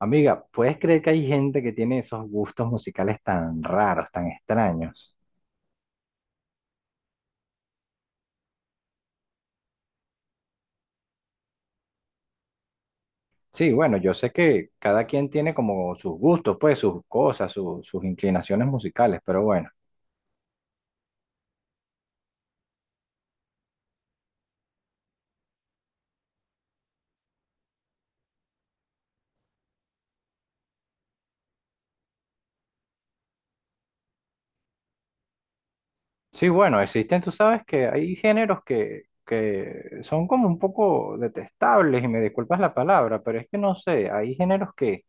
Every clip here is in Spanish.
Amiga, ¿puedes creer que hay gente que tiene esos gustos musicales tan raros, tan extraños? Sí, bueno, yo sé que cada quien tiene como sus gustos, pues sus cosas, sus inclinaciones musicales, pero bueno. Sí, bueno, existen, tú sabes que hay géneros que son como un poco detestables, y me disculpas la palabra, pero es que no sé, hay géneros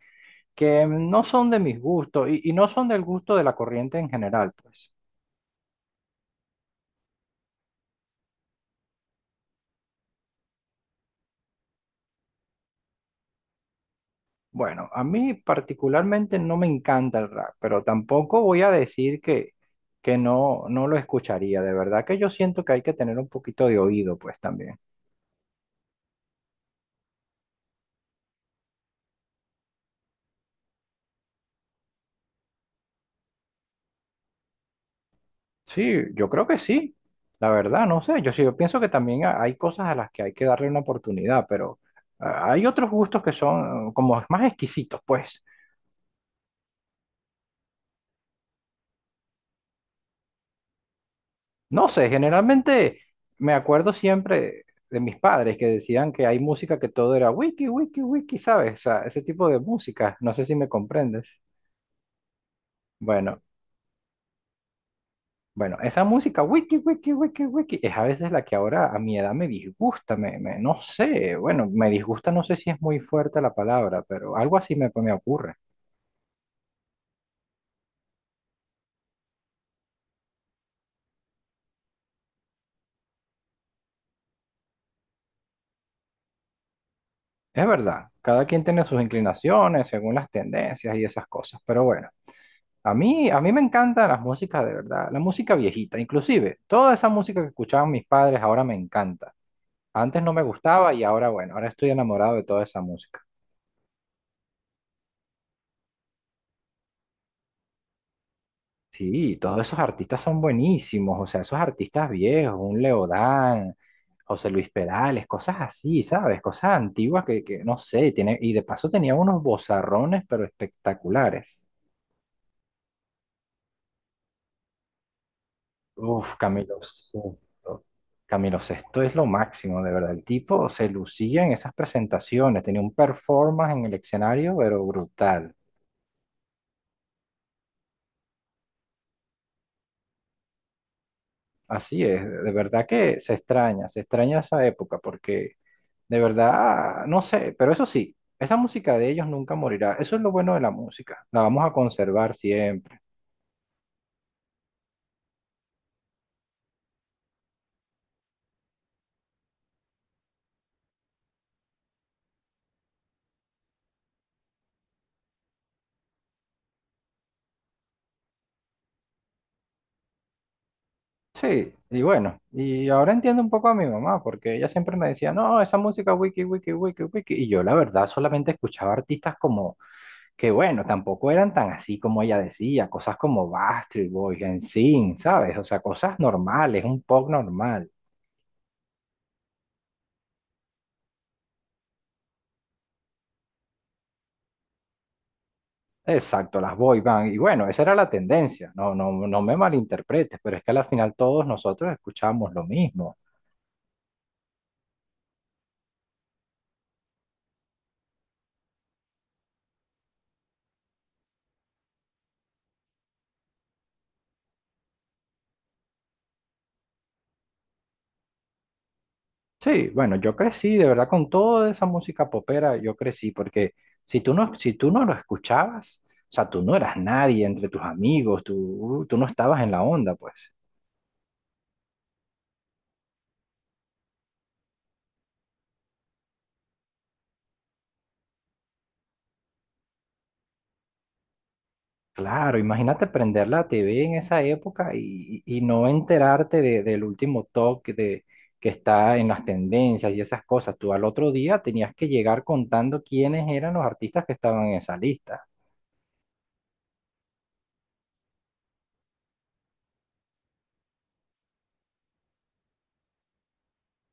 que no son de mis gustos y no son del gusto de la corriente en general, pues. Bueno, a mí particularmente no me encanta el rap, pero tampoco voy a decir que no, no lo escucharía. De verdad que yo siento que hay que tener un poquito de oído, pues también. Sí, yo creo que sí. La verdad, no sé. Yo sí, yo pienso que también hay cosas a las que hay que darle una oportunidad, pero hay otros gustos que son como más exquisitos, pues. No sé, generalmente me acuerdo siempre de mis padres que decían que hay música que todo era wiki, wiki, wiki, ¿sabes? O sea, ese tipo de música, no sé si me comprendes. Bueno, bueno, esa música wiki, wiki, wiki, wiki, es a veces la que ahora a mi edad me disgusta, no sé, bueno, me disgusta, no sé si es muy fuerte la palabra, pero algo así me ocurre. Es verdad, cada quien tiene sus inclinaciones según las tendencias y esas cosas, pero bueno. A mí me encantan las músicas de verdad, la música viejita, inclusive toda esa música que escuchaban mis padres ahora me encanta. Antes no me gustaba y ahora bueno, ahora estoy enamorado de toda esa música. Sí, todos esos artistas son buenísimos, o sea, esos artistas viejos, un Leodán, José Luis Perales, cosas así, ¿sabes? Cosas antiguas que no sé, tiene, y de paso tenía unos vozarrones pero espectaculares. Uf, Camilo Sesto. Camilo Sesto es lo máximo, de verdad. El tipo se lucía en esas presentaciones, tenía un performance en el escenario, pero brutal. Así es, de verdad que se extraña esa época, porque de verdad, no sé, pero eso sí, esa música de ellos nunca morirá. Eso es lo bueno de la música, la vamos a conservar siempre. Sí, y bueno, y ahora entiendo un poco a mi mamá, porque ella siempre me decía, no, esa música wiki, wiki, wiki, wiki, y yo la verdad solamente escuchaba artistas como... que bueno, tampoco eran tan así como ella decía, cosas como Backstreet Boys, NSYNC, ¿sabes? O sea, cosas normales, un pop normal. Exacto, las boy band. Y bueno, esa era la tendencia, no, no, no me malinterpretes, pero es que al final todos nosotros escuchábamos lo mismo. Sí, bueno, yo crecí, de verdad, con toda esa música popera, yo crecí, porque si tú no lo escuchabas, o sea, tú no eras nadie entre tus amigos, tú no estabas en la onda, pues. Claro, imagínate prender la TV en esa época y no enterarte del último toque de, que está en las tendencias y esas cosas. Tú al otro día tenías que llegar contando quiénes eran los artistas que estaban en esa lista.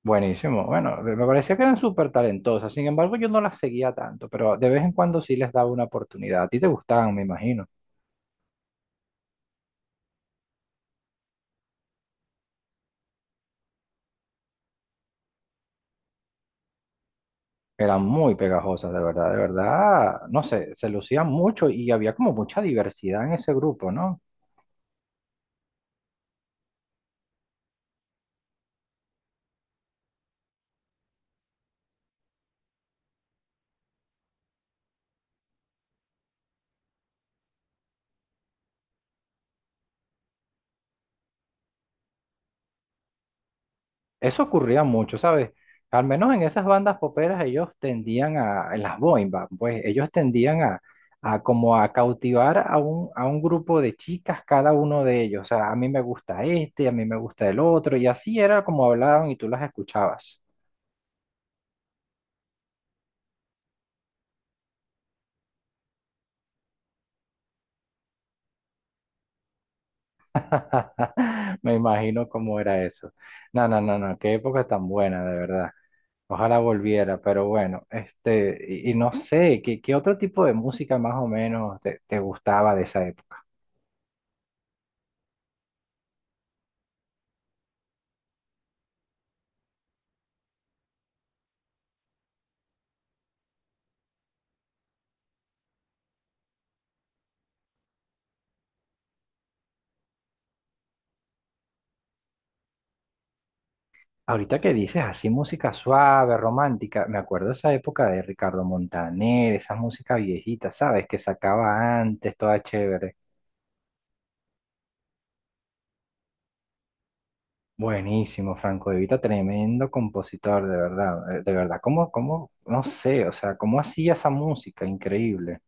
Buenísimo. Bueno, me parecía que eran súper talentosas. Sin embargo, yo no las seguía tanto, pero de vez en cuando sí les daba una oportunidad. A ti te gustaban, me imagino. Eran muy pegajosas, de verdad, de verdad. No sé, se lucían mucho y había como mucha diversidad en ese grupo, ¿no? Eso ocurría mucho, ¿sabes? Al menos en esas bandas poperas en las boy band, pues ellos tendían a como a cautivar a un grupo de chicas cada uno de ellos. O sea, a mí me gusta este, a mí me gusta el otro, y así era como hablaban y tú las escuchabas. Me imagino cómo era eso. No, no, no, no, qué época tan buena, de verdad. Ojalá volviera, pero bueno, este, y no sé, ¿qué, qué otro tipo de música más o menos te gustaba de esa época? Ahorita que dices así música suave, romántica, me acuerdo esa época de Ricardo Montaner, esa música viejita, ¿sabes? Que sacaba antes, toda chévere. Buenísimo, Franco De Vita, tremendo compositor, de verdad, no sé, o sea, ¿cómo hacía esa música? Increíble.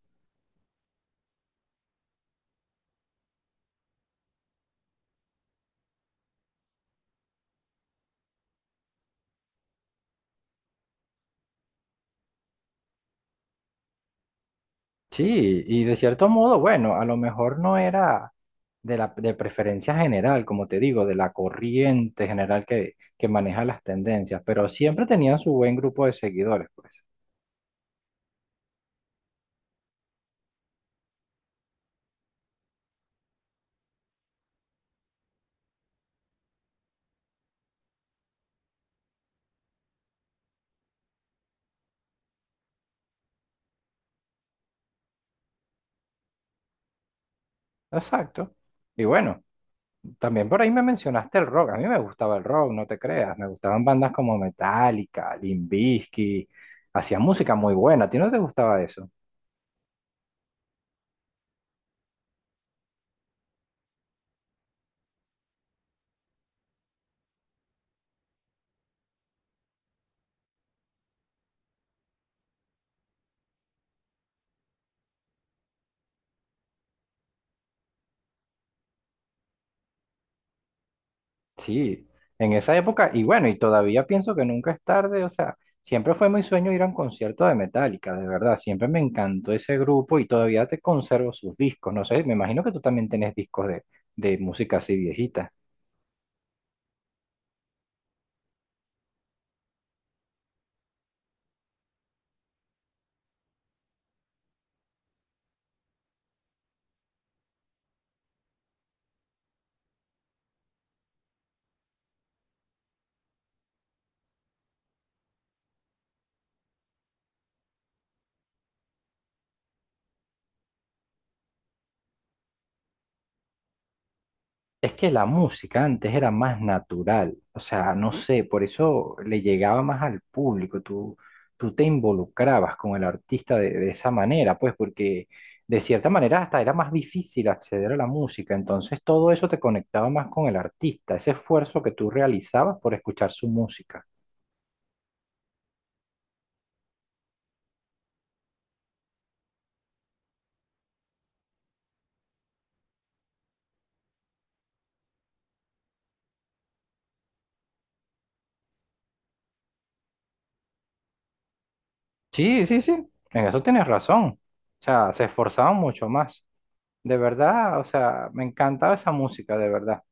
Sí, y de cierto modo, bueno, a lo mejor no era de la de preferencia general, como te digo, de la corriente general que maneja las tendencias, pero siempre tenían su buen grupo de seguidores, pues. Exacto. Y bueno, también por ahí me mencionaste el rock. A mí me gustaba el rock, no te creas. Me gustaban bandas como Metallica, Limp Bizkit. Hacían música muy buena. ¿A ti no te gustaba eso? Sí, en esa época. Y bueno, y todavía pienso que nunca es tarde. O sea, siempre fue mi sueño ir a un concierto de Metallica, de verdad. Siempre me encantó ese grupo y todavía te conservo sus discos. No sé, me imagino que tú también tenés discos de música así viejita. Es que la música antes era más natural, o sea, no sé, por eso le llegaba más al público, tú te involucrabas con el artista de esa manera, pues porque de cierta manera hasta era más difícil acceder a la música, entonces todo eso te conectaba más con el artista, ese esfuerzo que tú realizabas por escuchar su música. Sí, sí, sí, en eso tienes razón, o sea, se esforzaban mucho más, de verdad, o sea, me encantaba esa música, de verdad.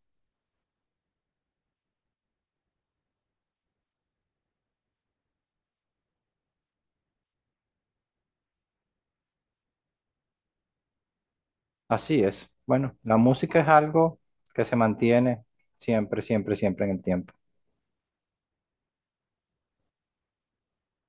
Así es. Bueno, la música es algo que se mantiene siempre, siempre, siempre en el tiempo.